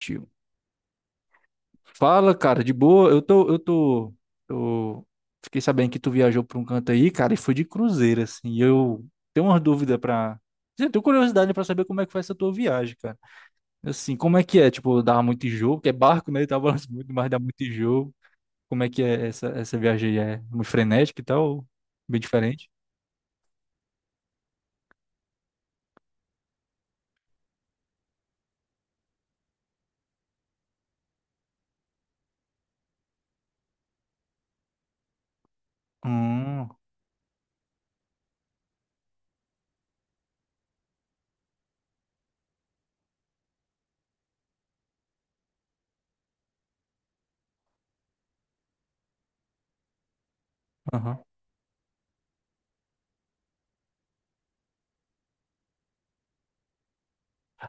Tio. Fala, cara, de boa. Eu tô. Fiquei sabendo que tu viajou pra um canto aí, cara, e foi de cruzeiro, assim. E eu tenho uma dúvida pra, assim, eu tenho curiosidade pra saber como é que foi essa tua viagem, cara. Assim, como é que é? Tipo, dava muito enjoo, porque é barco, né? Tava balançando muito, mas dá muito enjoo. Como é que é essa viagem aí? É muito frenética e tal? Ou bem diferente? Hum. Aham.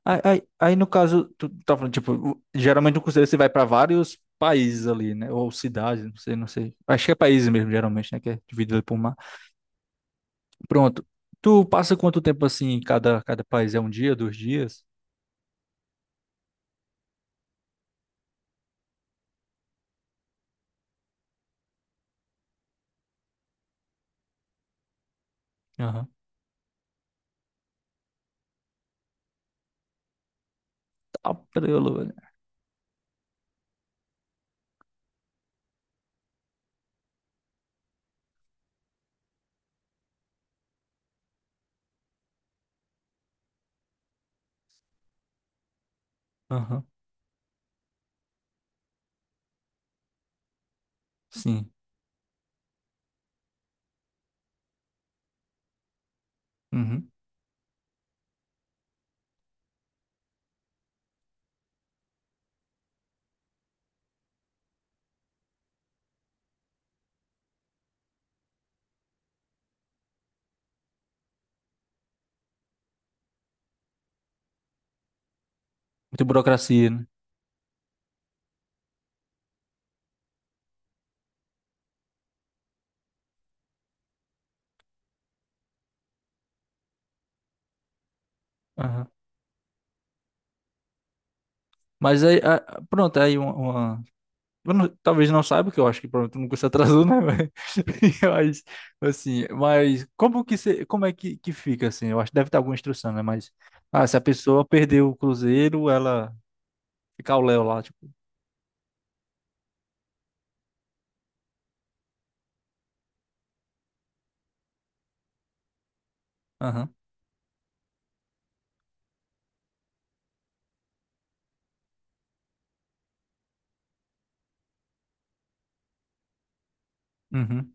Aí, no caso, tu tá falando, tipo, geralmente no cruzeiro você vai para vários países ali, né? Ou cidades, não sei, não sei. Acho que é países mesmo, geralmente, né? Que é dividido ali por mar. Pronto. Tu passa quanto tempo assim em cada país? É um dia, 2 dias? Aham. Tá prelo, velho. Aham. Sim. Uhum. Muita burocracia, né? Aham. Mas aí, pronto, aí uma eu não- talvez não saiba, que eu acho que pronto, nunca se atrasou, né? Mas, mas, assim, mas como que se, como é que fica, assim? Eu acho que deve ter alguma instrução, né? Mas, ah, se a pessoa perdeu o cruzeiro, ela fica ao léu lá, tipo. Aham. Uhum.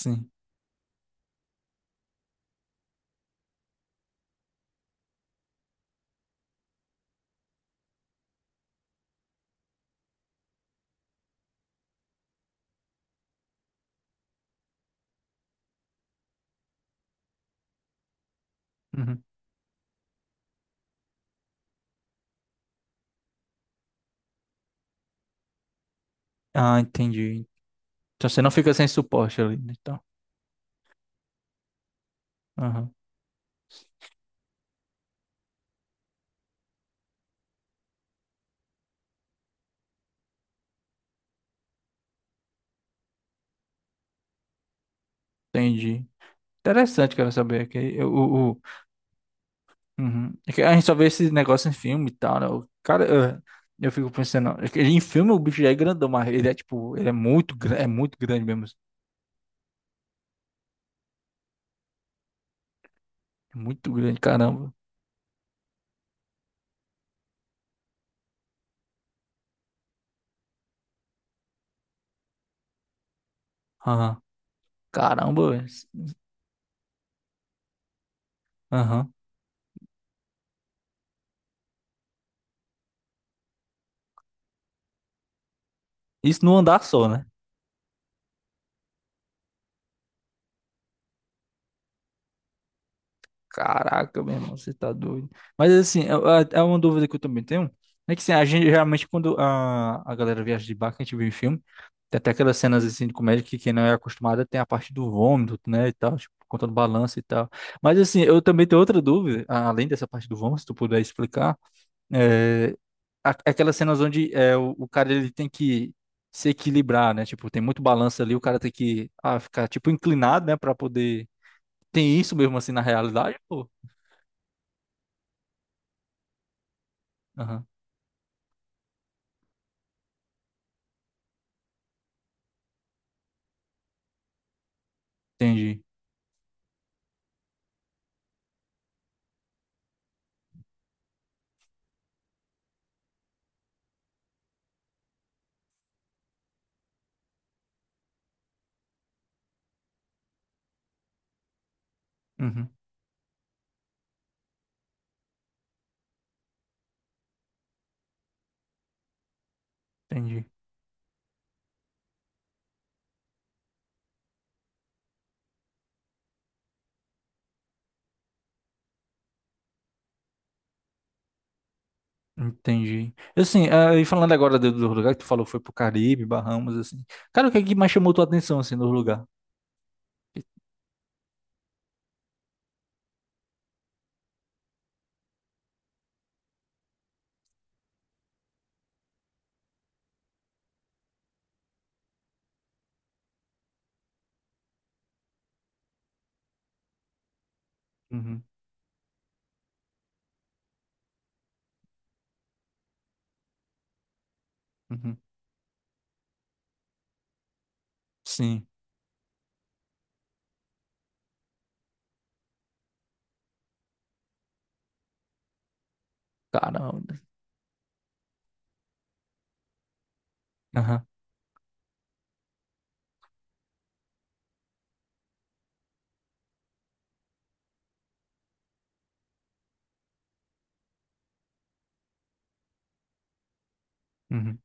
Sim. Uhum. Ah, entendi. Então você não fica sem suporte ali, né? Então, aham, entendi. Interessante, quero saber, que eu, o. Uhum. É que a gente só vê esse negócio em filme e tal, né? O cara, eu fico pensando, é que em filme o bicho já é grandão, mas ele é tipo, ele é muito grande mesmo. É muito grande, caramba. Aham. Caramba, velho. Aham. Isso num andar só, né? Caraca, meu irmão, você tá doido. Mas assim, é uma dúvida que eu também tenho. É que assim, a gente geralmente quando a galera viaja de barco, a gente vê em filme, tem até aquelas cenas assim de comédia que quem não é acostumado tem a parte do vômito, né, e tal, tipo, por conta do balanço e tal. Mas assim, eu também tenho outra dúvida, além dessa parte do vômito, se tu puder explicar, é, aquelas cenas onde é, o cara ele tem que se equilibrar, né? Tipo, tem muito balanço ali, o cara tem que ah, ficar tipo inclinado, né, pra poder. Tem isso mesmo assim na realidade? Aham, entendi. Uhum, entendi. Entendi. Assim, ah, e falando agora do lugar que tu falou que foi pro Caribe, Bahamas, assim. Cara, o que é que mais chamou tua atenção, assim, no lugar? Uhum, uhum. Sim. Caramba. Aham. Uhum.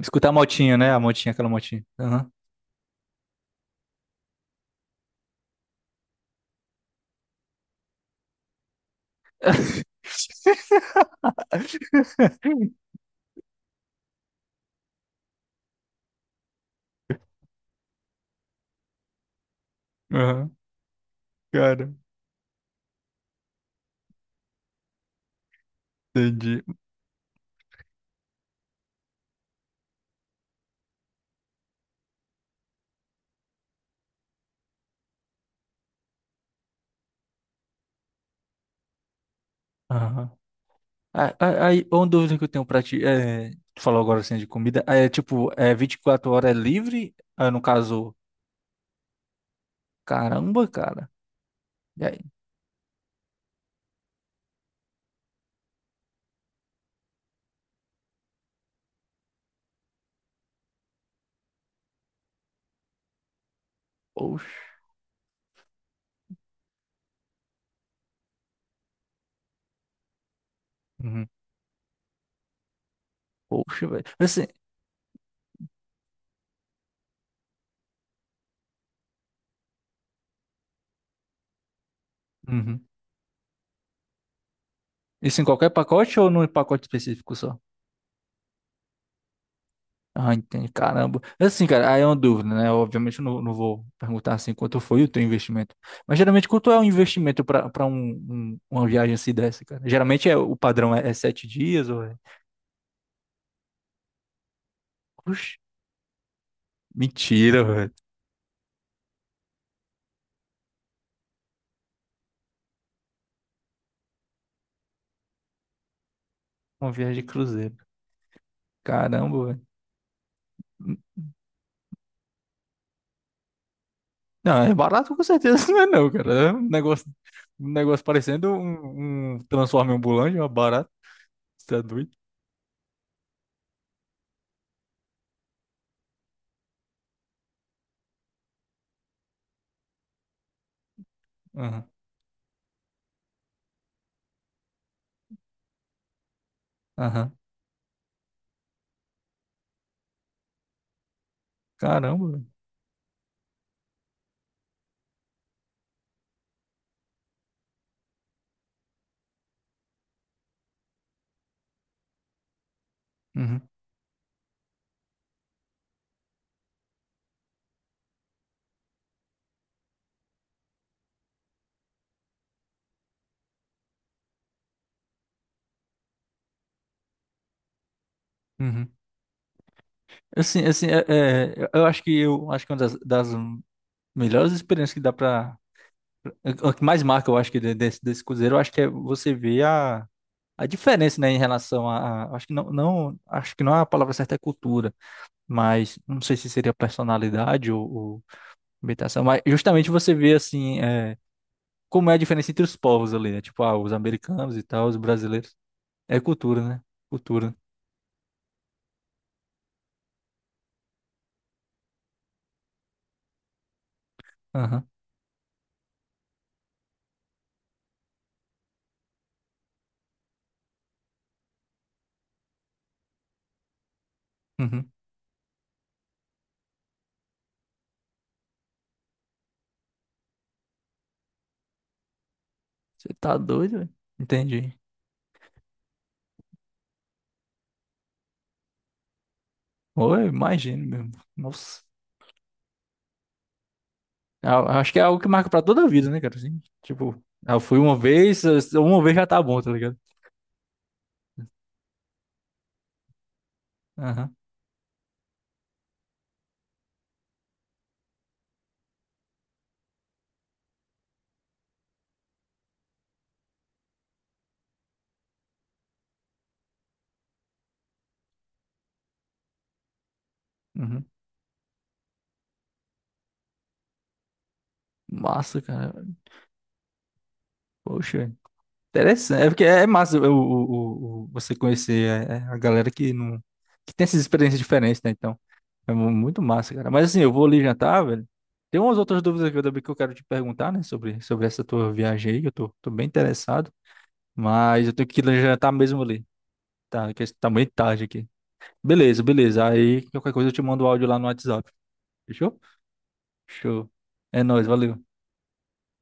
Escutar a motinha, né? A motinha, aquela motinha. Aham. Aham. Cara. Entendi. Aham. Ah, ah, aí, uma dúvida que eu tenho pra ti, é, tu falou agora assim de comida, aí é tipo, é 24 horas é livre? Ah, no caso, caramba, cara. E aí? Poxa. Uhum. Poxa, velho. Assim, uhum. Isso em qualquer pacote ou num pacote específico só? Ah, entendi, caramba. Assim, cara, aí é uma dúvida, né? Obviamente eu não, não vou perguntar assim quanto foi o teu investimento. Mas geralmente quanto é o investimento pra para um, uma viagem assim dessa, cara? Geralmente é, o padrão é, é 7 dias ou é. Oxe, mentira. Uma viagem de cruzeiro. Caramba, velho. Não, é barato com certeza, não é não, cara. É um negócio parecendo um transforme ambulante, mas barato. Você é doido? Aham, aham. Caramba, velho. Uhum, uhum. Assim, eu acho que é uma das melhores experiências que dá pra. O que mais marca, eu acho que desse cruzeiro, eu acho que é você ver a diferença, né, em relação a, acho que não, não, acho que não é a palavra certa, é cultura, mas não sei se seria personalidade ou, habitação. Mas justamente você vê assim, é, como é a diferença entre os povos ali, né? Tipo, ah, os americanos e tal, os brasileiros. É cultura, né? Cultura. Aham. Uhum. Você tá doido, velho? Entendi. Ou eu imagino mesmo. Nossa. Acho que é algo que marca pra toda a vida, né, cara? Assim, tipo, ah, eu fui uma vez já tá bom, tá ligado? Aham. Uhum. Massa, cara. Poxa. Interessante, é porque é massa você conhecer a galera que não que tem essas experiências diferentes, né? Então, é muito massa, cara. Mas assim, eu vou ali jantar, velho. Tem umas outras dúvidas aqui também que eu quero te perguntar, né? Sobre essa tua viagem aí, que eu tô, bem interessado. Mas eu tenho que ir lá jantar mesmo ali, tá? Que tá meio tarde aqui. Beleza, beleza. Aí qualquer coisa eu te mando o áudio lá no WhatsApp. Fechou? Show. É nóis, valeu.